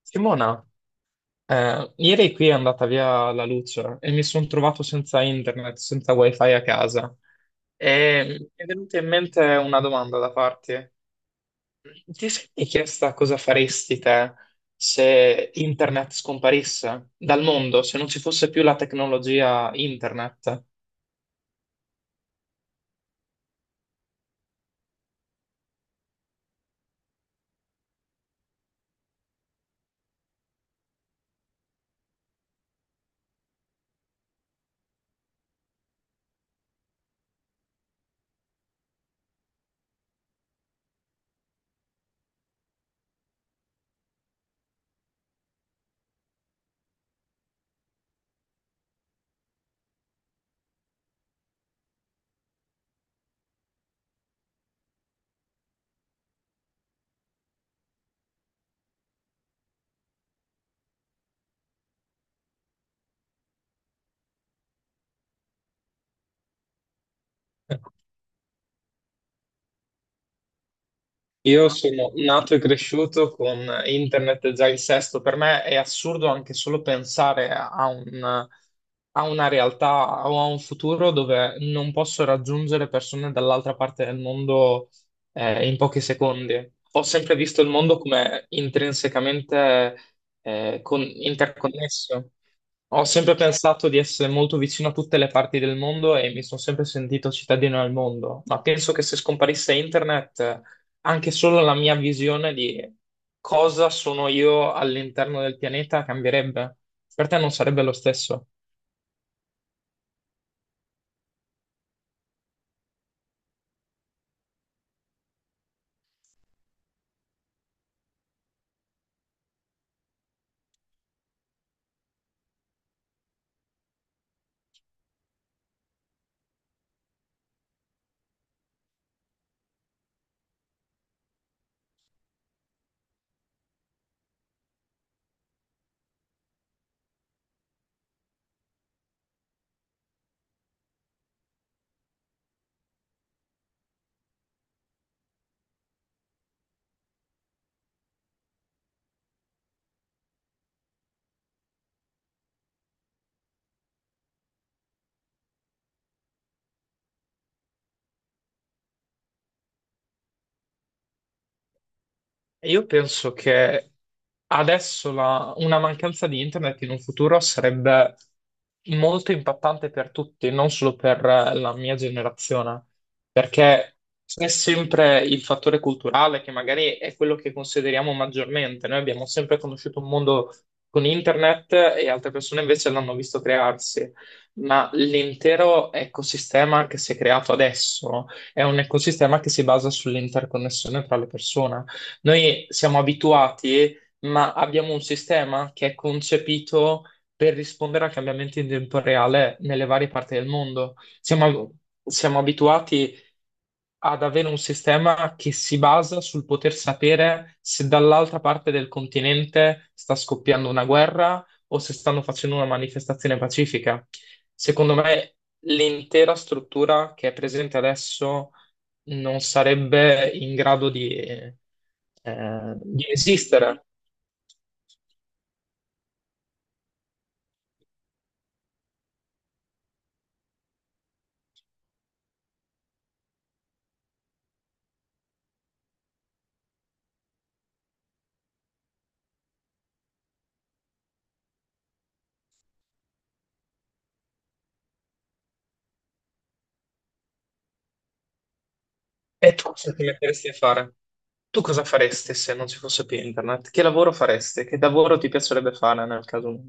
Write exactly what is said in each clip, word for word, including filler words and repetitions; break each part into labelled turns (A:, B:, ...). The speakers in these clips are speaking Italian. A: Simona, eh, ieri qui è andata via la luce e mi sono trovato senza internet, senza wifi a casa. E mi è venuta in mente una domanda da farti. Ti sei chiesta cosa faresti te se internet scomparisse dal mondo, se non ci fosse più la tecnologia internet? Io sono nato e cresciuto con internet già in sesto. Per me è assurdo anche solo pensare a un- a una realtà o a un futuro dove non posso raggiungere persone dall'altra parte del mondo, eh, in pochi secondi. Ho sempre visto il mondo come intrinsecamente, eh, con- interconnesso. Ho sempre pensato di essere molto vicino a tutte le parti del mondo e mi sono sempre sentito cittadino del mondo, ma penso che se scomparisse internet anche solo la mia visione di cosa sono io all'interno del pianeta cambierebbe. Per te non sarebbe lo stesso. Io penso che adesso la- una mancanza di internet in un futuro sarebbe molto impattante per tutti, non solo per la mia generazione, perché c'è sempre il fattore culturale che magari è quello che consideriamo maggiormente. Noi abbiamo sempre conosciuto un mondo con internet e altre persone invece l'hanno visto crearsi, ma l'intero ecosistema che si è creato adesso è un ecosistema che si basa sull'interconnessione tra le persone. Noi siamo abituati, ma abbiamo un sistema che è concepito per rispondere a cambiamenti in tempo reale nelle varie parti del mondo. Siamo, siamo abituati ad avere un sistema che si basa sul poter sapere se dall'altra parte del continente sta scoppiando una guerra o se stanno facendo una manifestazione pacifica. Secondo me, l'intera struttura che è presente adesso non sarebbe in grado di, eh, di esistere. E tu cosa ti metteresti a fare? Tu cosa faresti se non ci fosse più internet? Che lavoro faresti? Che lavoro ti piacerebbe fare nel caso?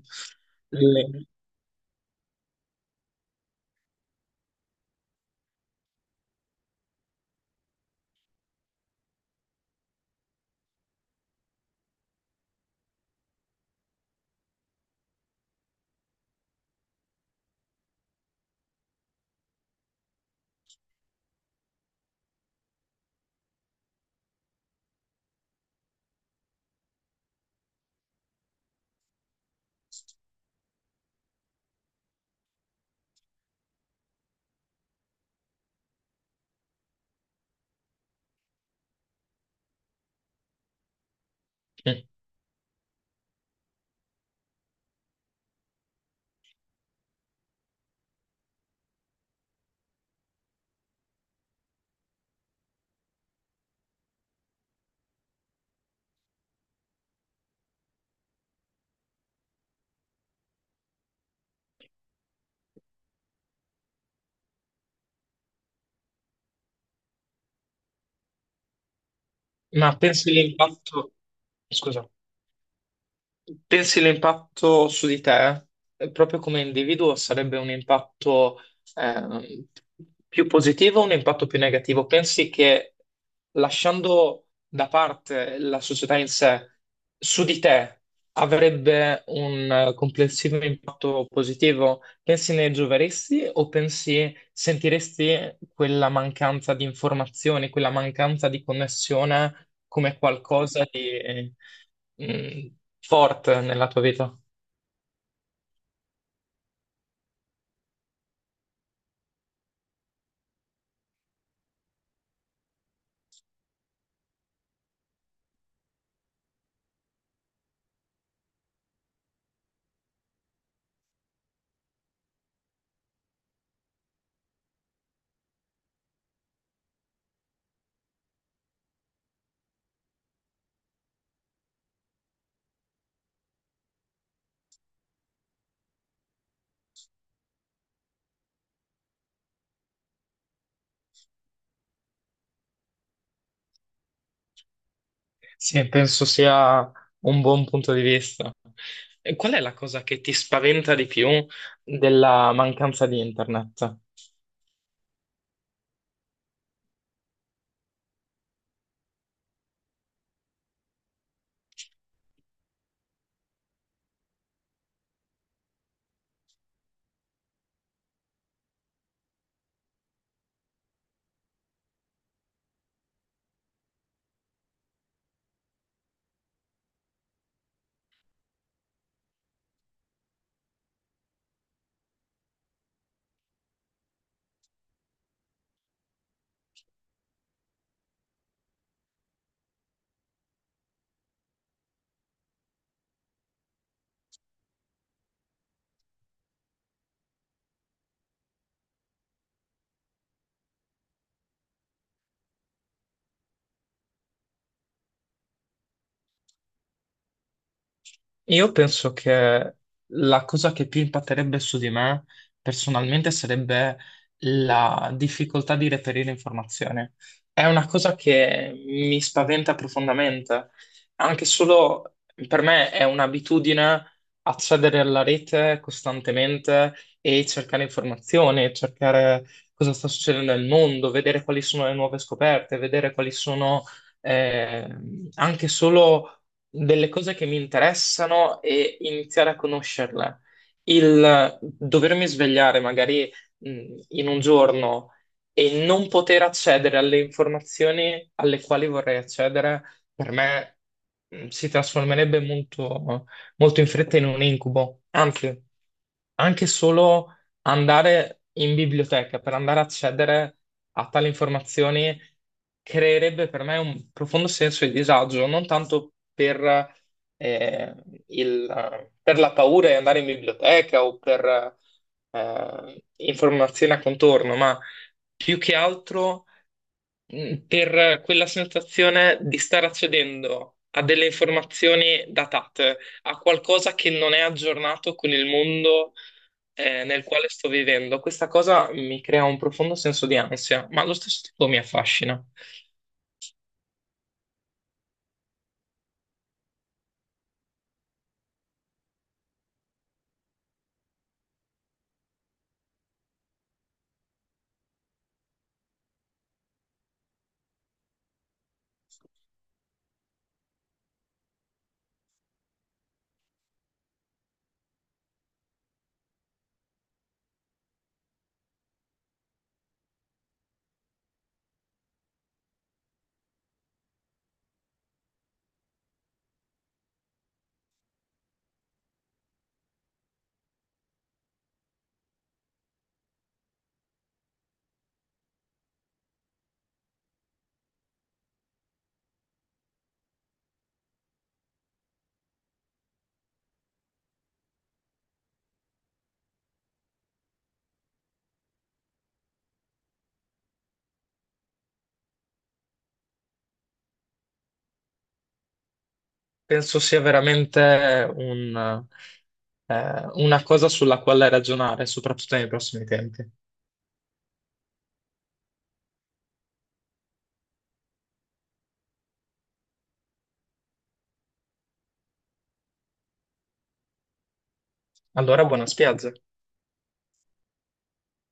A: Le- Mm. Ma pensi all'impatto... Scusa. Pensi l'impatto su di te, eh, proprio come individuo, sarebbe un impatto ehm, più positivo o un impatto più negativo? Pensi che lasciando da parte la società in sé, su di te avrebbe un eh, complessivo impatto positivo? Pensi ne gioveresti o pensi sentiresti quella mancanza di informazioni, quella mancanza di connessione, come qualcosa di eh, mh, forte nella tua vita? Sì, penso sia un buon punto di vista. E qual è la cosa che ti spaventa di più della mancanza di internet? Io penso che la cosa che più impatterebbe su di me personalmente sarebbe la difficoltà di reperire informazioni. È una cosa che mi spaventa profondamente, anche solo per me è un'abitudine accedere alla rete costantemente e cercare informazioni, cercare cosa sta succedendo nel mondo, vedere quali sono le nuove scoperte, vedere quali sono eh, anche solo delle cose che mi interessano e iniziare a conoscerle. Il dovermi svegliare magari mh, in un giorno e non poter accedere alle informazioni alle quali vorrei accedere, per me mh, si trasformerebbe molto, molto in fretta in un incubo. Anzi, anche solo andare in biblioteca per andare a accedere a tali informazioni creerebbe per me un profondo senso di disagio, non tanto per, eh, il- per la paura di andare in biblioteca o per eh, informazioni a contorno, ma più che altro mh, per quella sensazione di stare accedendo a delle informazioni datate, a qualcosa che non è aggiornato con il mondo eh, nel quale sto vivendo. Questa cosa mi crea un profondo senso di ansia, ma allo stesso tempo mi affascina. Penso sia veramente un, eh, una cosa sulla quale ragionare, soprattutto nei prossimi tempi. Allora, buona spiaggia.